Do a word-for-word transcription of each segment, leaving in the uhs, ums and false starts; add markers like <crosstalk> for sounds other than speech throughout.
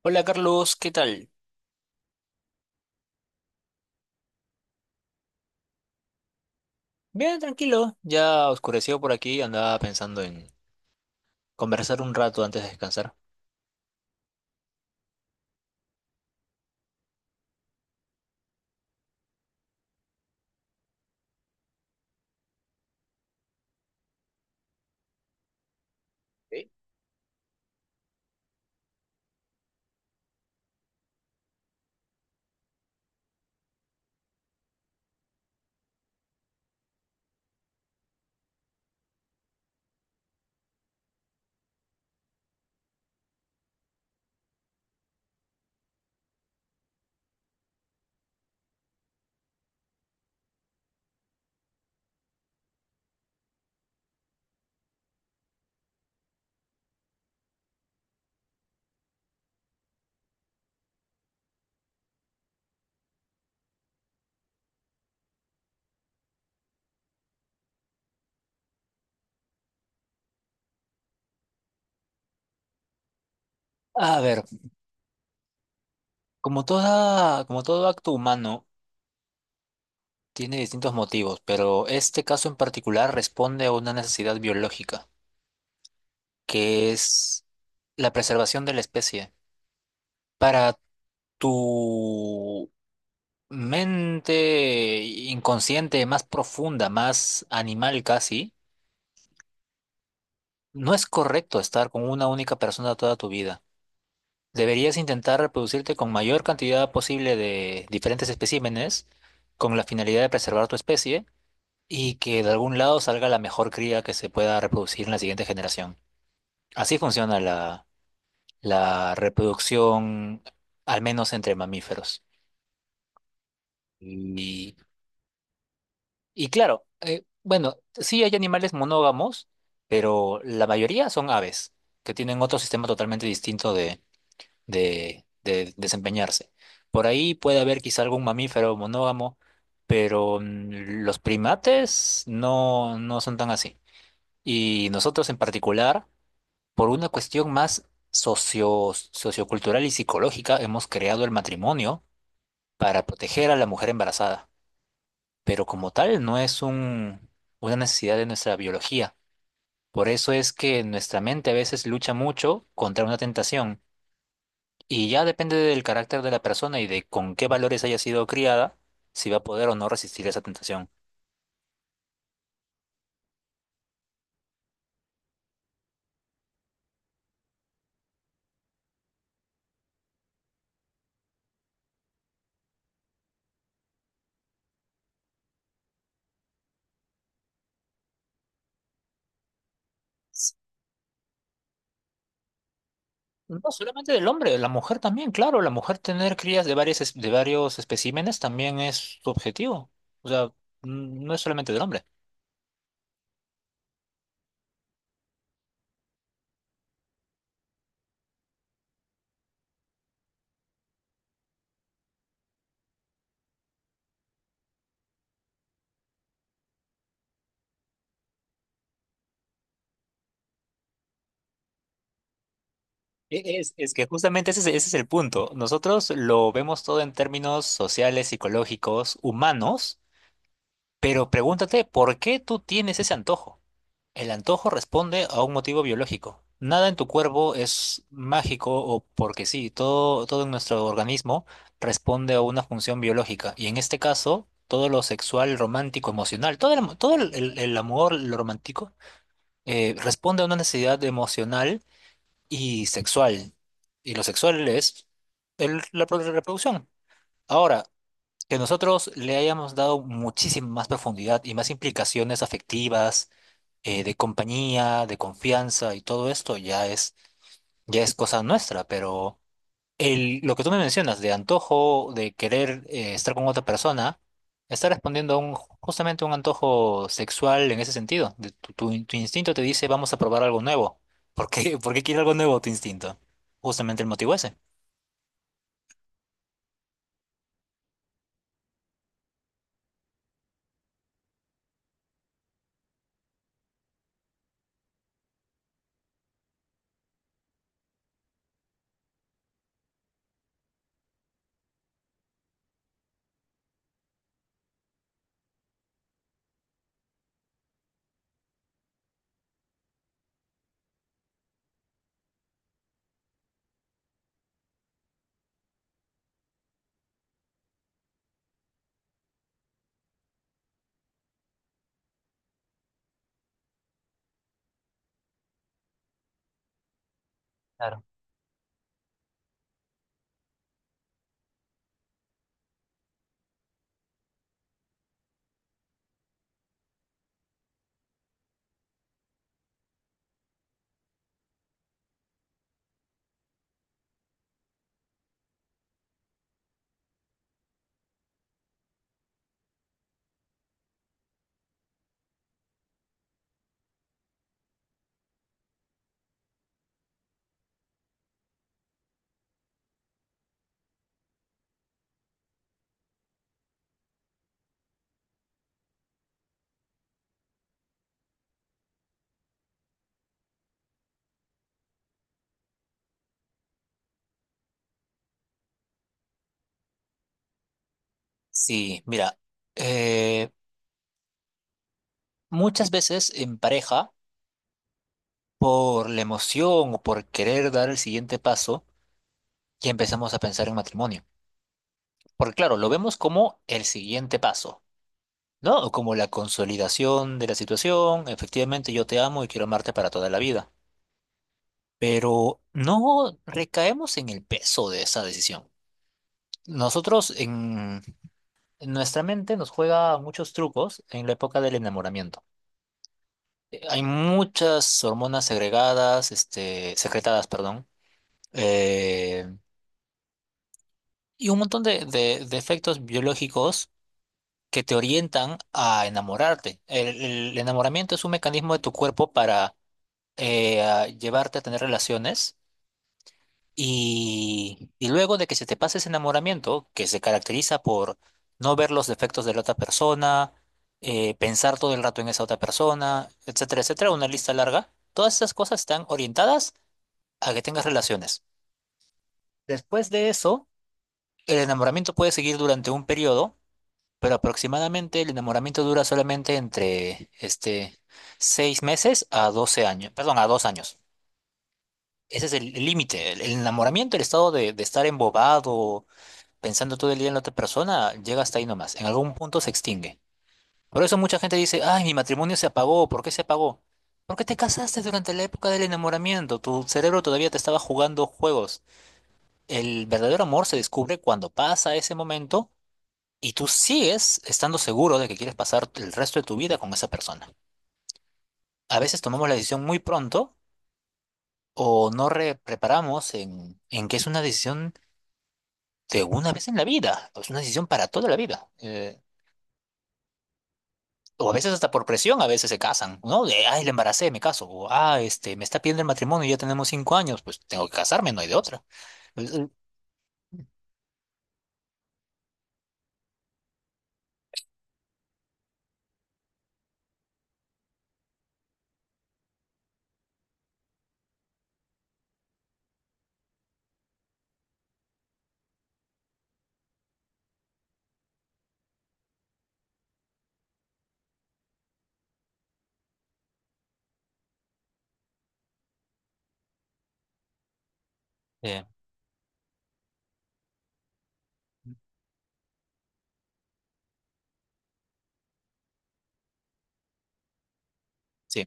Hola Carlos, ¿qué tal? Bien, tranquilo, ya oscureció por aquí, andaba pensando en conversar un rato antes de descansar. A ver, como toda, como todo acto humano tiene distintos motivos, pero este caso en particular responde a una necesidad biológica, que es la preservación de la especie. Para tu mente inconsciente más profunda, más animal casi, no es correcto estar con una única persona toda tu vida. Deberías intentar reproducirte con mayor cantidad posible de diferentes especímenes con la finalidad de preservar tu especie y que de algún lado salga la mejor cría que se pueda reproducir en la siguiente generación. Así funciona la, la reproducción, al menos entre mamíferos. Y, y claro, eh, bueno, sí hay animales monógamos, pero la mayoría son aves, que tienen otro sistema totalmente distinto de, de desempeñarse. Por ahí puede haber quizá algún mamífero monógamo, pero mm, los primates no, no son tan así. Y nosotros en particular, por una cuestión más socio, sociocultural y psicológica, hemos creado el matrimonio para proteger a la mujer embarazada. Pero como tal, no es un, una necesidad de nuestra biología. Por eso es que nuestra mente a veces lucha mucho contra una tentación. Y ya depende del carácter de la persona y de con qué valores haya sido criada, si va a poder o no resistir esa tentación. No solamente del hombre, la mujer también, claro, la mujer tener crías de varias, es- de varios especímenes también es su objetivo. O sea, mm, no es solamente del hombre. E- Es, es que justamente ese es, ese es el punto. Nosotros lo vemos todo en términos sociales, psicológicos, humanos, pero pregúntate, ¿por qué tú tienes ese antojo? El antojo responde a un motivo biológico. Nada en tu cuerpo es mágico o porque sí, todo, todo en nuestro organismo responde a una función biológica. Y en este caso, todo lo sexual, romántico, emocional, todo el, am- todo el, el- el amor, lo romántico, eh, responde a una necesidad emocional y sexual. Y lo sexual es el- la pro- la reproducción. Ahora, que nosotros le hayamos dado muchísima más profundidad y más implicaciones afectivas, eh, de compañía, de confianza y todo esto ya es, ya es cosa nuestra, pero el, lo que tú me mencionas de antojo, de querer eh, estar con otra persona, está respondiendo a un, justamente a un antojo sexual en ese sentido. De tu, tu- tu instinto te dice, vamos a probar algo nuevo. <laughs> ¿Por qué, por qué quiere algo nuevo tu instinto? Justamente el motivo ese. Claro. Sí, mira, eh, muchas veces en pareja, por la emoción o por querer dar el siguiente paso, ya empezamos a pensar en matrimonio. Porque claro, lo vemos como el siguiente paso, ¿no? O como la consolidación de la situación, efectivamente yo te amo y quiero amarte para toda la vida. Pero no recaemos en el peso de esa decisión. Nosotros en en nuestra mente nos juega muchos trucos en la época del enamoramiento. Eh, Hay muchas hormonas segregadas, este, secretadas, perdón, eh, y un montón de, de de efectos biológicos que te orientan a enamorarte. El, el enamoramiento es un mecanismo de tu cuerpo para eh, a llevarte a tener relaciones, y, y luego de que se te pase ese enamoramiento, que se caracteriza por no ver los defectos de la otra persona, eh, pensar todo el rato en esa otra persona, etcétera, etcétera, una lista larga, todas esas cosas están orientadas a que tengas relaciones. Después de eso, el enamoramiento puede seguir durante un periodo. Pero aproximadamente el enamoramiento dura solamente entre este, seis meses a doce años, perdón, a dos años. Ese es el el límite. El el enamoramiento, el estado de, de estar embobado, pensando todo el día en la otra persona, llega hasta ahí nomás. En algún punto se extingue. Por eso mucha gente dice, ay, mi matrimonio se apagó. ¿Por qué se apagó? Porque te casaste durante la época del enamoramiento. Tu cerebro todavía te estaba jugando juegos. El verdadero amor se descubre cuando pasa ese momento y tú sigues estando seguro de que quieres pasar el resto de tu vida con esa persona. A veces tomamos la decisión muy pronto, o no re- preparamos en, en que es una decisión de una vez en la vida, o es una decisión para toda la vida. Eh, o a veces hasta por presión, a veces se casan, ¿no? De, ay, le embaracé, me caso. O, ah, este, me está pidiendo el matrimonio y ya tenemos cinco años, pues tengo que casarme, no hay de otra. Pues, Eh, eh, sí,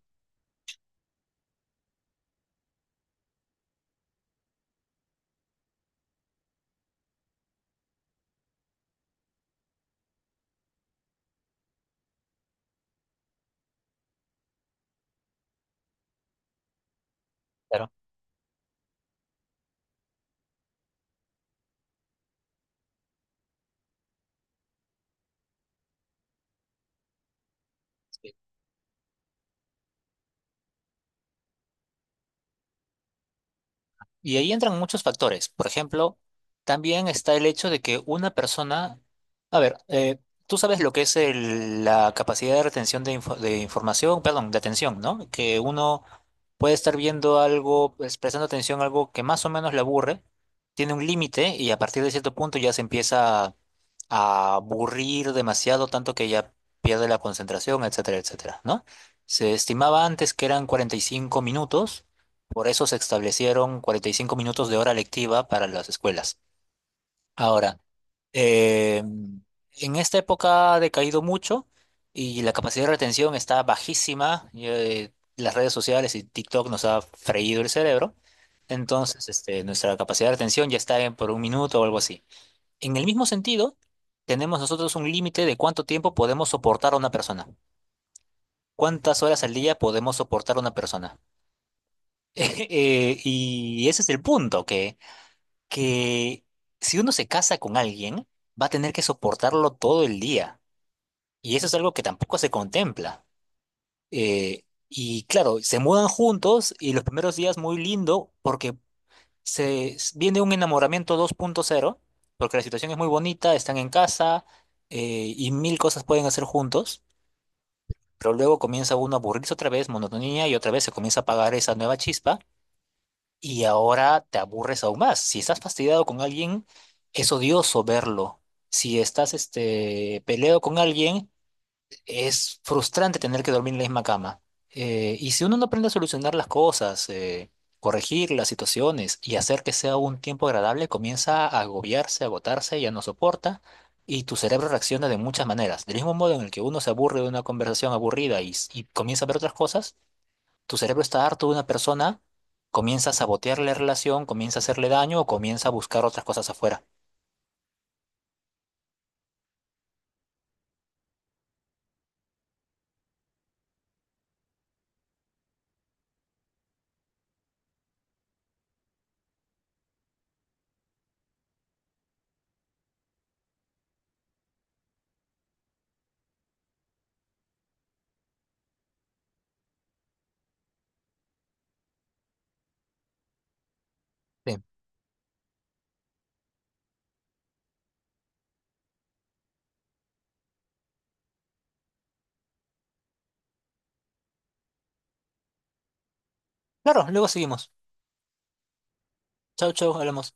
claro. Y ahí entran muchos factores. Por ejemplo, también está el hecho de que una persona, a ver, eh, tú sabes lo que es el- la capacidad de retención de, info- de información, perdón, de atención, ¿no? Que uno puede estar viendo algo, pues, prestando atención a algo que más o menos le aburre, tiene un límite y a partir de cierto punto ya se empieza a aburrir demasiado, tanto que ya pierde la concentración, etcétera, etcétera, ¿no? Se estimaba antes que eran cuarenta y cinco minutos, por eso se establecieron cuarenta y cinco minutos de hora lectiva para las escuelas. Ahora, eh, en esta época ha decaído mucho y la capacidad de retención está bajísima. Y, eh, las redes sociales y TikTok nos ha freído el cerebro. Entonces, este, nuestra capacidad de retención ya está en por un minuto o algo así. En el mismo sentido, tenemos nosotros un límite de cuánto tiempo podemos soportar a una persona, cuántas horas al día podemos soportar a una persona. <laughs> Eh, y ese es el punto, que, que si uno se casa con alguien, va a tener que soportarlo todo el día. Y eso es algo que tampoco se contempla. Eh, y claro, se mudan juntos y los primeros días muy lindo porque se s- viene un enamoramiento dos punto cero, porque la situación es muy bonita, están en casa, eh, y mil cosas pueden hacer juntos, pero luego comienza uno a aburrirse otra vez, monotonía, y otra vez se comienza a apagar esa nueva chispa y ahora te aburres aún más. Si estás fastidiado con alguien, es odioso verlo. Si estás este, peleado con alguien, es frustrante tener que dormir en la misma cama. Eh, y si uno no aprende a solucionar las cosas, eh, corregir las situaciones y hacer que sea un tiempo agradable, comienza a agobiarse, a agotarse, ya no soporta y tu cerebro reacciona de muchas maneras. Del mismo modo en el que uno se aburre de una conversación aburrida y, s- y comienza a ver otras cosas, tu cerebro está harto de una persona, comienza a sabotear la relación, comienza a hacerle daño o comienza a buscar otras cosas afuera. Bien. Claro, luego seguimos. Chau, chau, hablamos.